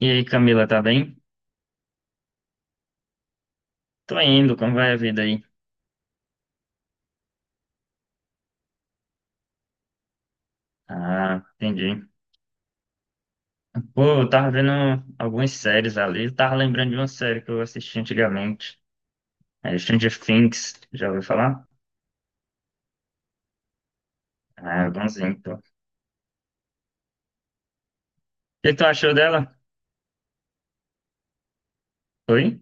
E aí, Camila, tá bem? Tô indo, como vai a vida aí? Ah, entendi. Pô, eu tava vendo algumas séries ali, eu tava lembrando de uma série que eu assisti antigamente, é Stranger Things, já ouviu falar? Ah, bonzinho, pô. O que que tu achou dela? Oi?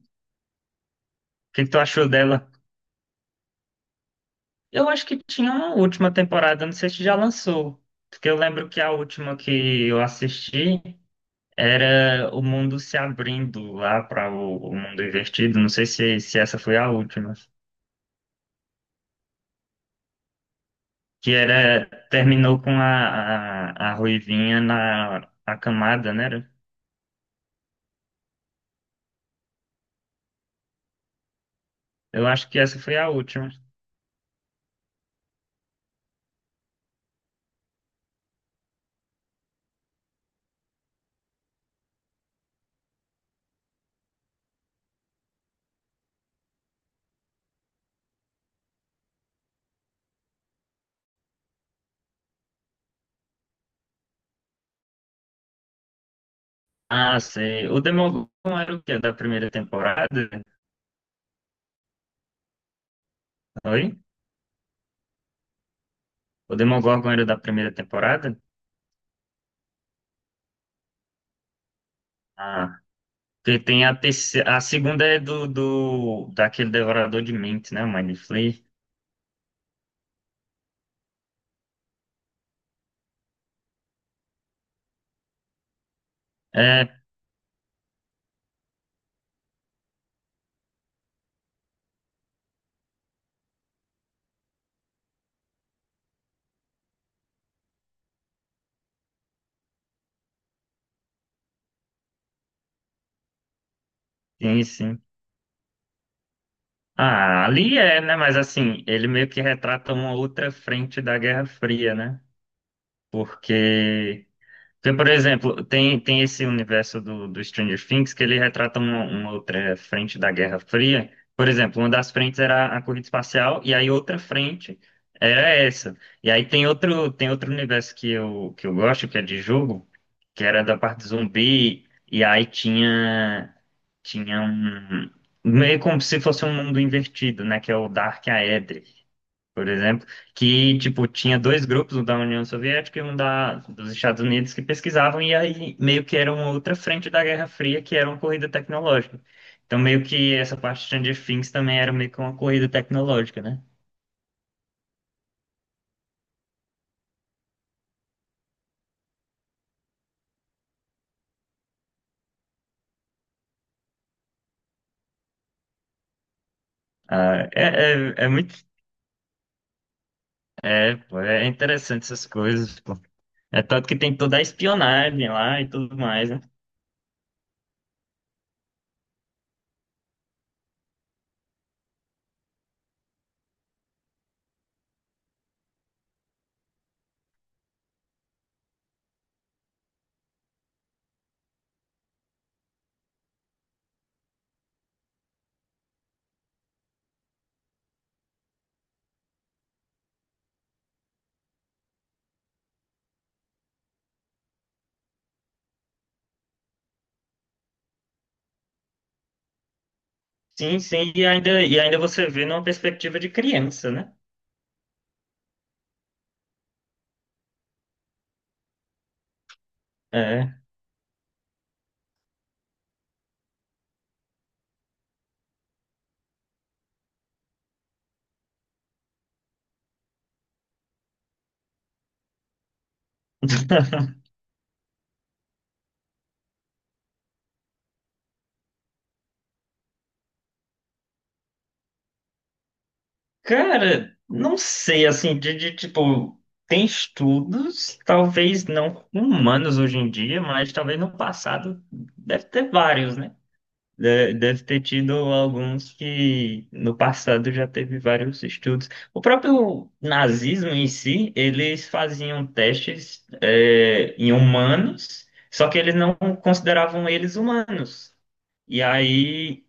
O que que tu achou dela? Eu acho que tinha uma última temporada, não sei se já lançou, porque eu lembro que a última que eu assisti era o mundo se abrindo lá para o mundo invertido, não sei se essa foi a última. Que era terminou com a Ruivinha na a camada, né? Eu acho que essa foi a última. Ah, sei. O Demogorgon era o quê? Da primeira temporada? Oi? O Demogorgon era da primeira temporada? Ah, porque tem a terceira, a segunda é do daquele Devorador de Mentes, né? O Mind Flayer. É, sim, sim. Ah, ali é, né? Mas assim, ele meio que retrata uma outra frente da Guerra Fria, né? Porque tem, por exemplo, tem esse universo do Stranger Things que ele retrata uma outra frente da Guerra Fria. Por exemplo, uma das frentes era a corrida espacial e aí outra frente era essa. E aí tem outro, universo que eu gosto, que é de jogo, que era da parte zumbi, e aí tinha um, meio como se fosse um mundo invertido, né? Que é o Dark Aether por exemplo, que tipo tinha dois grupos, um da União Soviética e um dos Estados Unidos que pesquisavam e aí meio que era uma outra frente da Guerra Fria que era uma corrida tecnológica. Então meio que essa parte de Stranger Things também era meio que uma corrida tecnológica, né? Ah, é muito pô, é interessante essas coisas, pô. É tanto que tem toda a espionagem lá e tudo mais, né? Sim, sim, e ainda você vê numa perspectiva de criança, né? É. Cara, não sei, assim, tipo, tem estudos, talvez não com humanos hoje em dia, mas talvez no passado deve ter vários, né? Deve ter tido alguns que no passado já teve vários estudos. O próprio nazismo em si, eles faziam testes, em humanos, só que eles não consideravam eles humanos. E aí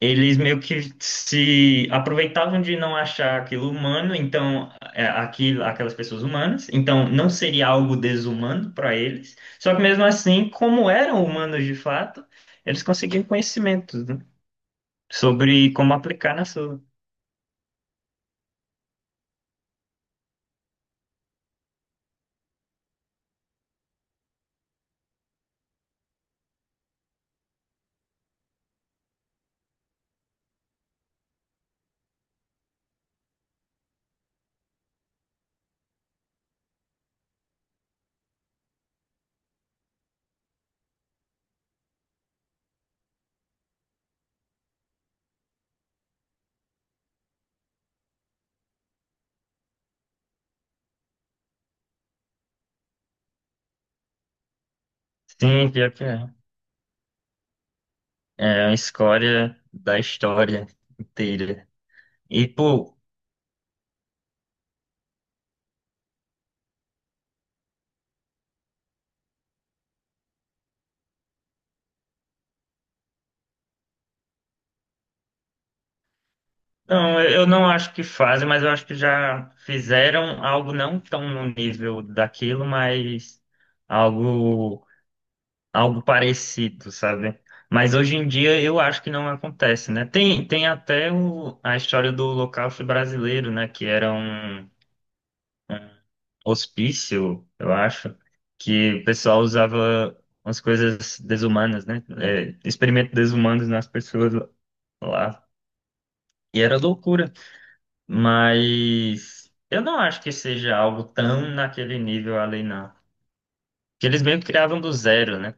eles meio que se aproveitavam de não achar aquilo humano, então aquelas pessoas humanas, então não seria algo desumano para eles. Só que mesmo assim, como eram humanos de fato, eles conseguiam conhecimentos, né, sobre como aplicar na sua. Sim, pior que é. É a escória da história inteira. E, pô. Não, eu não acho que fazem, mas eu acho que já fizeram algo não tão no nível daquilo, mas algo algo parecido, sabe? Mas hoje em dia eu acho que não acontece, né? Tem até a história do Holocausto brasileiro, né? Que era um hospício, eu acho, que o pessoal usava umas coisas desumanas, né? É, experimentos desumanos nas pessoas lá. E era loucura. Mas eu não acho que seja algo tão naquele nível ali, não. Que eles meio que criavam do zero, né?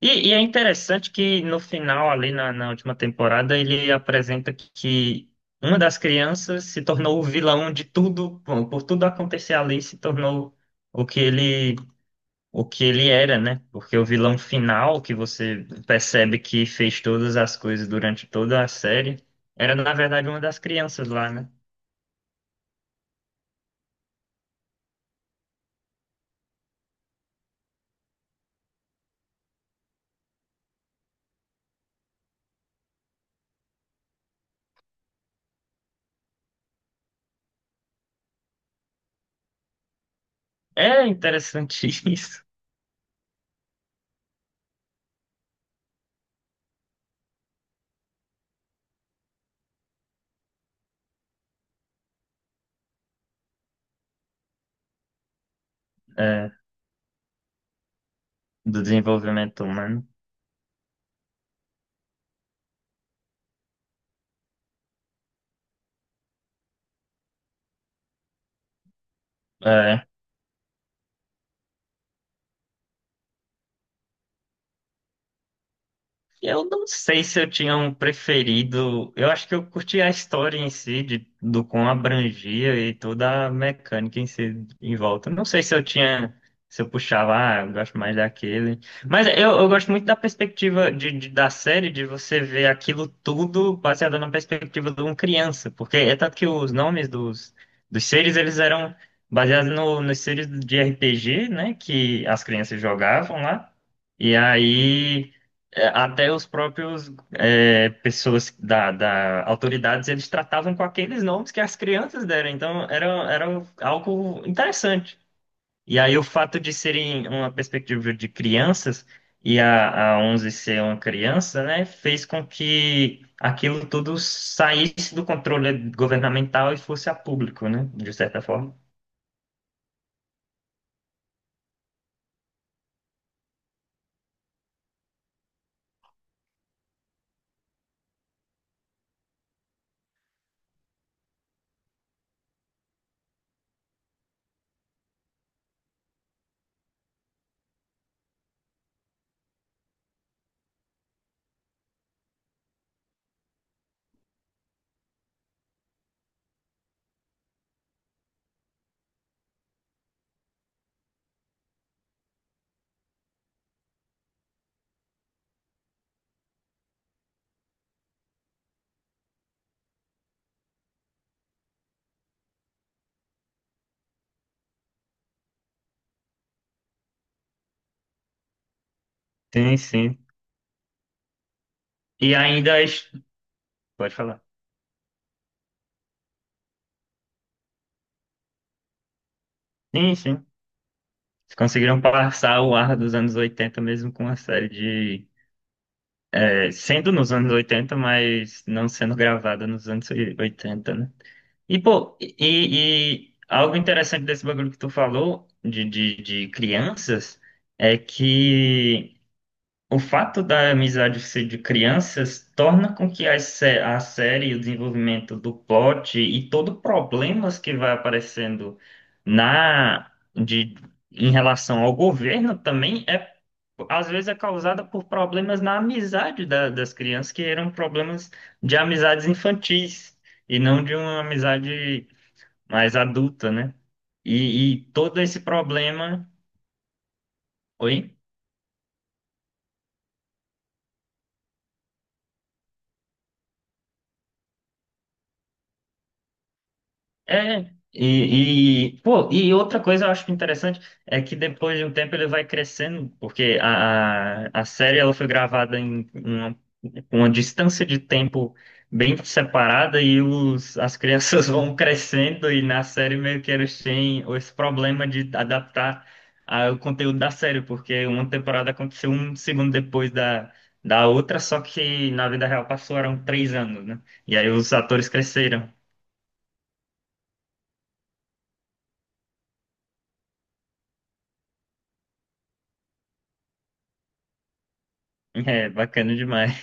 E é interessante que no final, ali na última temporada, ele apresenta que uma das crianças se tornou o vilão de tudo, bom, por tudo acontecer ali, se tornou o que ele, o que ele era, né? Porque o vilão final, que você percebe que fez todas as coisas durante toda a série, era na verdade uma das crianças lá, né? É interessante isso. eh, do desenvolvimento humano. Eh, Eu não sei se eu tinha um preferido. Eu acho que eu curti a história em si, do quão abrangia e toda a mecânica em si em volta. Não sei se eu tinha. Se eu puxava, ah, eu gosto mais daquele. Mas eu gosto muito da perspectiva da série, de você ver aquilo tudo baseado na perspectiva de uma criança. Porque é tanto que os nomes dos seres, eles eram baseados no, nos seres de RPG, né? Que as crianças jogavam lá. E aí. Até os próprios pessoas da autoridades eles tratavam com aqueles nomes que as crianças deram, então era algo interessante. E aí o fato de serem uma perspectiva de crianças e a Onze ser uma criança, né, fez com que aquilo tudo saísse do controle governamental e fosse a público, né, de certa forma. Sim, sim. E ainda pode falar. Sim, sim. Eles conseguiram passar o ar dos anos 80 mesmo com uma série de, sendo nos anos 80, mas não sendo gravada nos anos 80, né? E, pô, e algo interessante desse bagulho que tu falou de crianças é que. O fato da amizade ser de crianças torna com que a série, o desenvolvimento do plot e todo o problemas que vai aparecendo na de em relação ao governo também é às vezes é causada por problemas na amizade das crianças que eram problemas de amizades infantis e não de uma amizade mais adulta, né? E todo esse problema, oi? É, pô, e outra coisa eu acho interessante é que depois de um tempo ele vai crescendo, porque a série ela foi gravada em uma distância de tempo bem separada e as crianças vão crescendo e na série meio que eles têm esse problema de adaptar o conteúdo da série, porque uma temporada aconteceu um segundo depois da outra, só que na vida real passaram 3 anos, né? E aí os atores cresceram. É, bacana demais.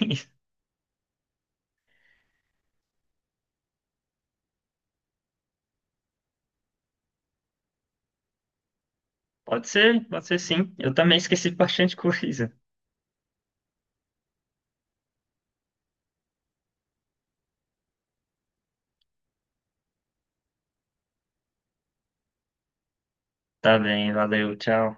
Pode ser sim. Eu também esqueci bastante coisa. Tá bem, valeu, tchau.